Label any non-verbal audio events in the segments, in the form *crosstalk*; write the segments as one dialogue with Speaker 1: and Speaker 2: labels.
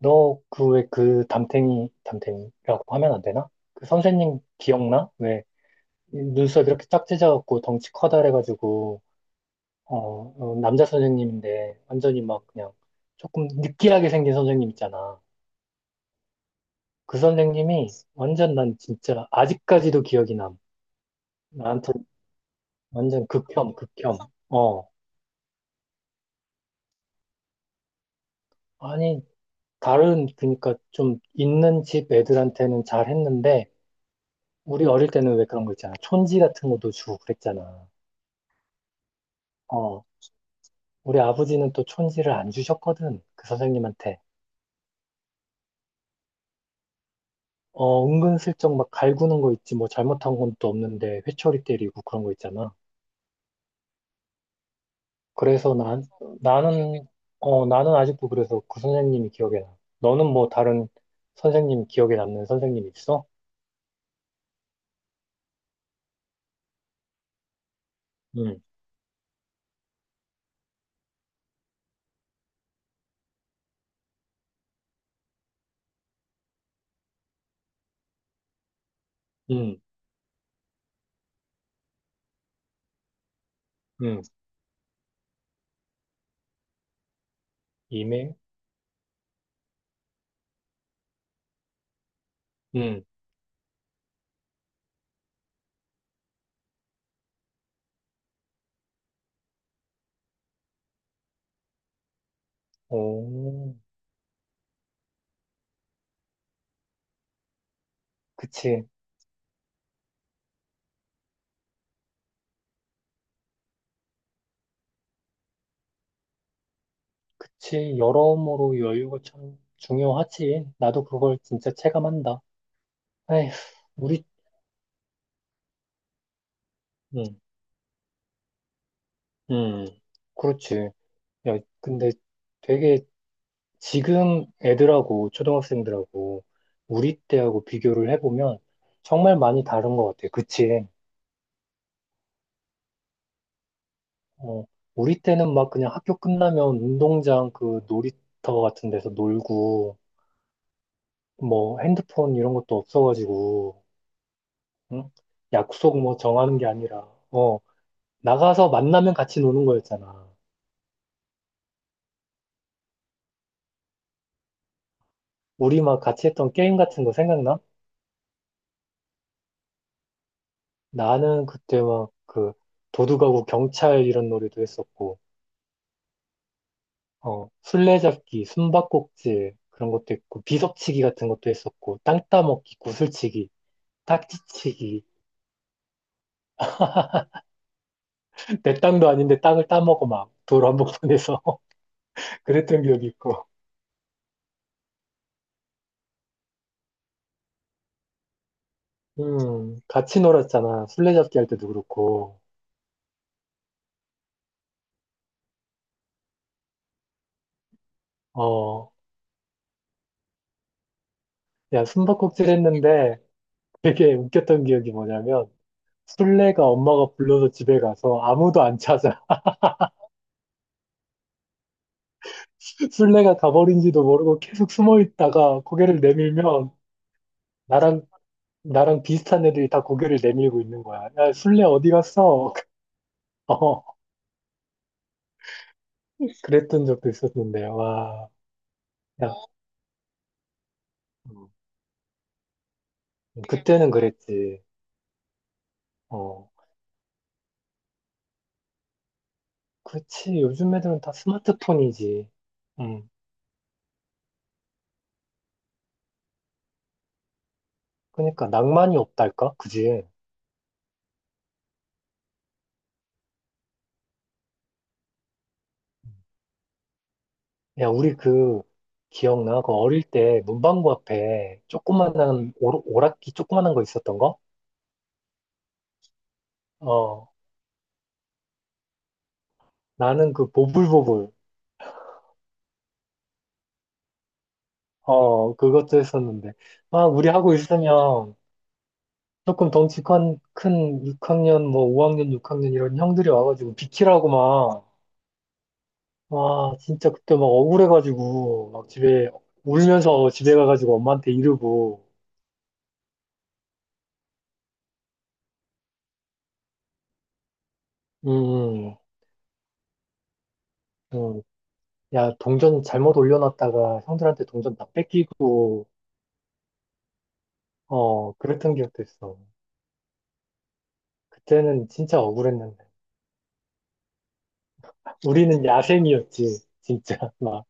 Speaker 1: 너 그 왜 그 담탱이 담탱이라고 하면 안 되나? 그 선생님 기억나? 왜 눈썹 이렇게 딱 찢어갖고 덩치 커다래가지고 남자 선생님인데 완전히 막 그냥 조금 느끼하게 생긴 선생님 있잖아. 그 선생님이 완전 난 진짜 아직까지도 기억이 남. 나한테 완전 극혐 극혐. 어 아니 다른 그러니까 좀 있는 집 애들한테는 잘했는데 우리 어릴 때는 왜 그런 거 있잖아. 촌지 같은 것도 주고 그랬잖아. 어, 우리 아버지는 또 촌지를 안 주셨거든. 그 선생님한테. 어, 은근슬쩍 막 갈구는 거 있지. 뭐 잘못한 건 또 없는데 회초리 때리고 그런 거 있잖아. 그래서 나는, 나는 아직도 그래서 그 선생님이 기억에 나. 너는 뭐 다른 선생님 기억에 남는 선생님 있어? 응, 응, 응. 이메일? 응. 오, 그치. 그치. 여러모로 여유가 참 중요하지. 나도 그걸 진짜 체감한다. 에휴, 우리, 응, 응. 그렇지. 야, 근데 되게 지금 애들하고 초등학생들하고 우리 때하고 비교를 해보면 정말 많이 다른 것 같아. 그치? 어, 우리 때는 막 그냥 학교 끝나면 운동장 그 놀이터 같은 데서 놀고 뭐 핸드폰 이런 것도 없어가지고 응? 약속 뭐 정하는 게 아니라 어, 나가서 만나면 같이 노는 거였잖아. 우리 막 같이 했던 게임 같은 거 생각나? 나는 그때 막 그 도둑하고 경찰 이런 놀이도 했었고 어, 술래잡기, 숨바꼭질 그런 것도 있고 비석치기 같은 것도 했었고 땅 따먹기, 구슬치기, 딱지치기 *laughs* 내 땅도 아닌데 땅을 따먹어 막 도로 한복판에서 *laughs* 그랬던 기억이 있고 같이 놀았잖아 술래잡기 할 때도 그렇고 어야 숨바꼭질 했는데 되게 웃겼던 기억이 뭐냐면 술래가 엄마가 불러서 집에 가서 아무도 안 찾아 *laughs* 술래가 가버린지도 모르고 계속 숨어 있다가 고개를 내밀면 나랑 나랑 비슷한 애들이 다 고개를 내밀고 있는 거야. 야, 술래 어디 갔어? *laughs* 어, 그랬던 적도 있었는데, 와. 야, 그때는 그랬지. 어, 그지 요즘 애들은 다 스마트폰이지. 음, 그러니까 낭만이 없달까? 그지? 야, 우리 그, 기억나? 그 어릴 때 문방구 앞에 조그만한 오락기 조그만한 거 있었던 거? 어, 나는 그 보불보불. 그것도 했었는데. 막 우리 하고 있으면 조금 덩치 큰 6학년, 뭐 5학년, 6학년 이런 형들이 와가지고 비키라고 막, 와, 진짜 그때 막 억울해가지고, 막 집에, 울면서 집에 가가지고 엄마한테 이르고, 음, 음, 음. 야, 동전 잘못 올려놨다가 형들한테 동전 다 뺏기고, 그랬던 기억도 있어. 그때는 진짜 억울했는데. 우리는 야생이었지, 진짜. *laughs* 막,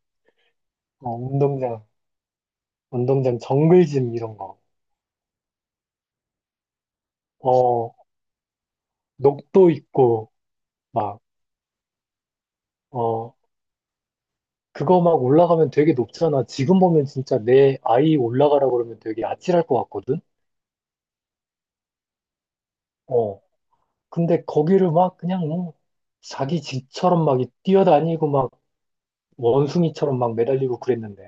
Speaker 1: 어, 운동장, 운동장 정글짐 이런 거. 어, 녹도 있고, 막, 어, 그거 막 올라가면 되게 높잖아. 지금 보면 진짜 내 아이 올라가라고 그러면 되게 아찔할 것 같거든? 어. 근데 거기를 막 그냥 뭐 자기 집처럼 막 뛰어다니고 막 원숭이처럼 막 매달리고 그랬는데.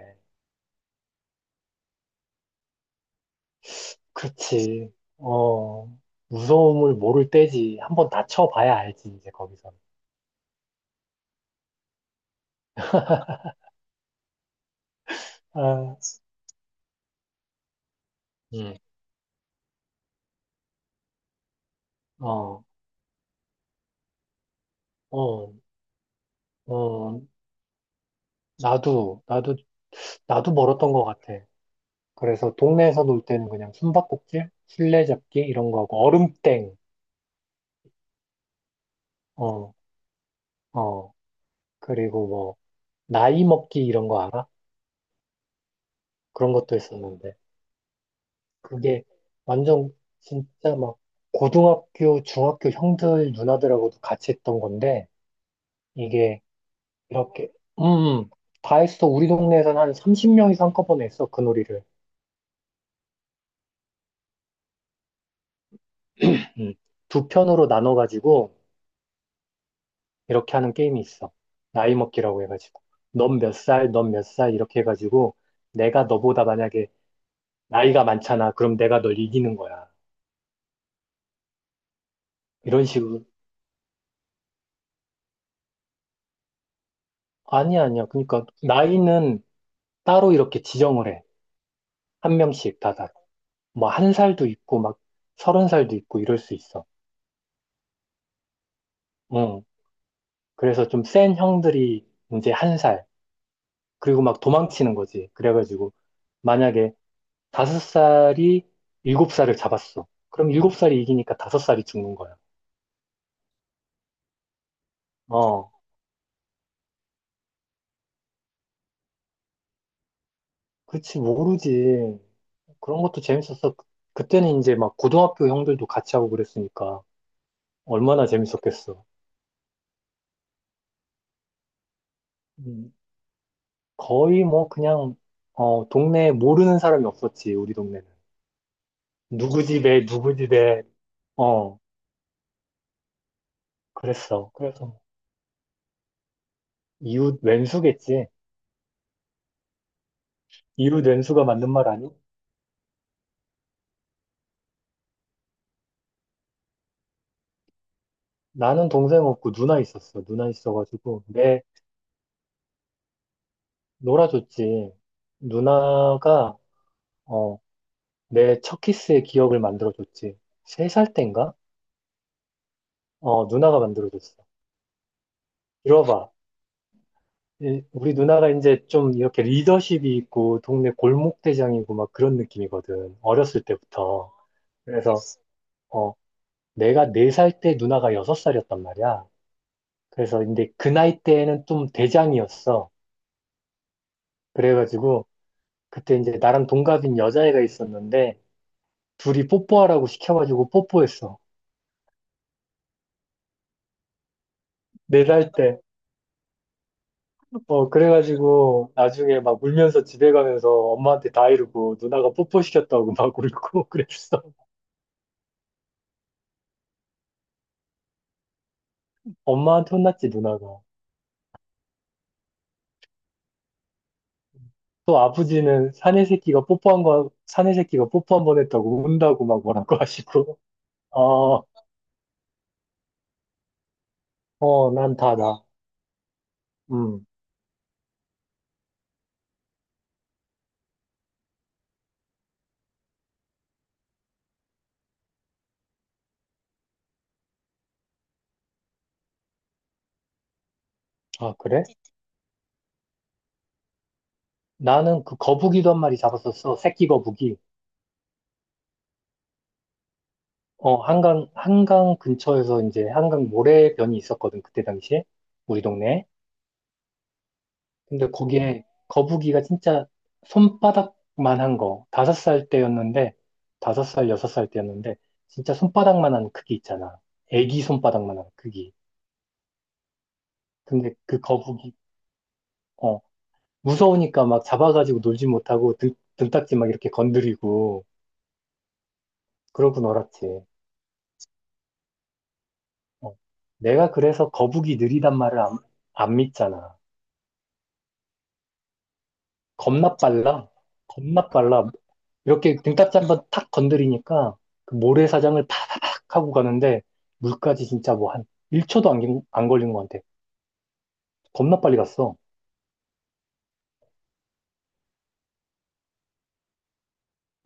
Speaker 1: 그렇지. 어. 무서움을 모를 때지. 한번 다쳐봐야 알지, 이제 거기서. 아, 응. 어, 어, 어. 나도, 나도, 나도 멀었던 것 같아. 그래서 동네에서 놀 때는 그냥 숨바꼭질, 술래잡기 이런 거 하고 얼음땡. 어, 어. 그리고 뭐, 나이 먹기 이런 거 알아? 그런 것도 있었는데. 그게 완전 진짜 막 고등학교, 중학교 형들, 누나들하고도 같이 했던 건데, 이게 이렇게, 음, 음. 다 했어. 우리 동네에서는 한 30명 이상 한꺼번에 했어. 그 놀이를. 음. 두 편으로 나눠가지고 이렇게 하는 게임이 있어. 나이 먹기라고 해가지고. 넌 몇 살, 넌 몇 살, 이렇게 해가지고, 내가 너보다 만약에 나이가 많잖아. 그럼 내가 널 이기는 거야. 이런 식으로, 아니야, 아니야. 그러니까 나이는 따로 이렇게 지정을 해. 한 명씩 다 다. 뭐 한 살도 있고 막 서른 살도 있고 이럴 수 있어. 응. 그래서 좀 센 형들이 이제 1살. 그리고 막 도망치는 거지. 그래가지고 만약에 다섯 살이 일곱 살을 잡았어. 그럼 일곱 살이 이기니까 다섯 살이 죽는 거야. 어. 그치, 모르지. 그런 것도 재밌었어. 그때는 이제 막 고등학교 형들도 같이 하고 그랬으니까 얼마나 재밌었겠어. 음. 거의 뭐 그냥 동네에 모르는 사람이 없었지 우리 동네는 누구 집에 누구 집에 어 그랬어 그래서 뭐 이웃 왼수겠지 이웃 왼수가 맞는 말 아니? 나는 동생 없고 누나 있었어 누나 있어가지고 내 놀아줬지 누나가 어 내 첫 키스의 기억을 만들어줬지 3살 땐가 누나가 만들어줬어 이러봐 예, 우리 누나가 이제 좀 이렇게 리더십이 있고 동네 골목대장이고 막 그런 느낌이거든. 어렸을 때부터. 그래서 어, 내가 4살 때 누나가 6살이었단 말이야. 그래서 근데 그 나이 때에는 좀 대장이었어. 그래가지고 그때 이제 나랑 동갑인 여자애가 있었는데 둘이 뽀뽀하라고 시켜가지고 뽀뽀했어. 4살 때. 그래가지고 나중에 막 울면서 집에 가면서 엄마한테 다 이러고 누나가 뽀뽀시켰다고 막 울고 *laughs* 그랬어. 엄마한테 혼났지, 누나가. 또 아버지는 사내 새끼가 뽀뽀한 거, 사내 새끼가 뽀뽀 한 번 했다고 운다고 막 뭐라고 *laughs* 하시고. 어, 난 다다. 음. 아, 그래? 나는 그 거북이도 한 마리 잡았었어. 새끼 거북이. 한강 근처에서 이제 한강 모래변이 있었거든. 그때 당시에. 우리 동네에. 근데 거기에 거북이가 진짜 손바닥만 한 거. 5살 때였는데, 5살, 6살 때였는데, 진짜 손바닥만 한 크기 있잖아. 애기 손바닥만 한 크기. 근데 그 거북이, 어, 무서우니까 막 잡아가지고 놀지 못하고 등딱지 막 이렇게 건드리고, 그러고 놀았지. 어. 내가 그래서 거북이 느리단 말을 안 믿잖아. 겁나 빨라. 겁나 빨라. 이렇게 등딱지 한번 탁 건드리니까 그 모래사장을 파닥 하고 가는데 물까지 진짜 뭐 한 1초도 안, 안 걸린 것 같아. 겁나 빨리 갔어.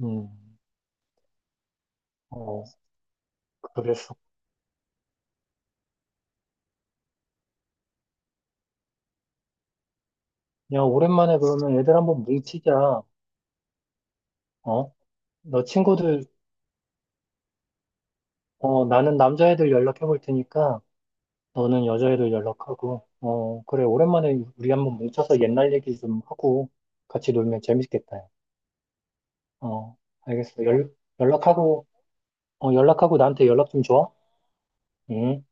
Speaker 1: 음, 어, 그랬어. 야, 오랜만에 그러면 애들 한번 뭉치자. 어? 너 친구들 나는 남자애들 연락해 볼 테니까 너는 여자애들 연락하고, 어, 그래, 오랜만에 우리 한번 뭉쳐서 옛날 얘기 좀 하고 같이 놀면 재밌겠다. 야. 어, 알겠어. 연락하고, 연락하고 나한테 연락 좀 줘. 응.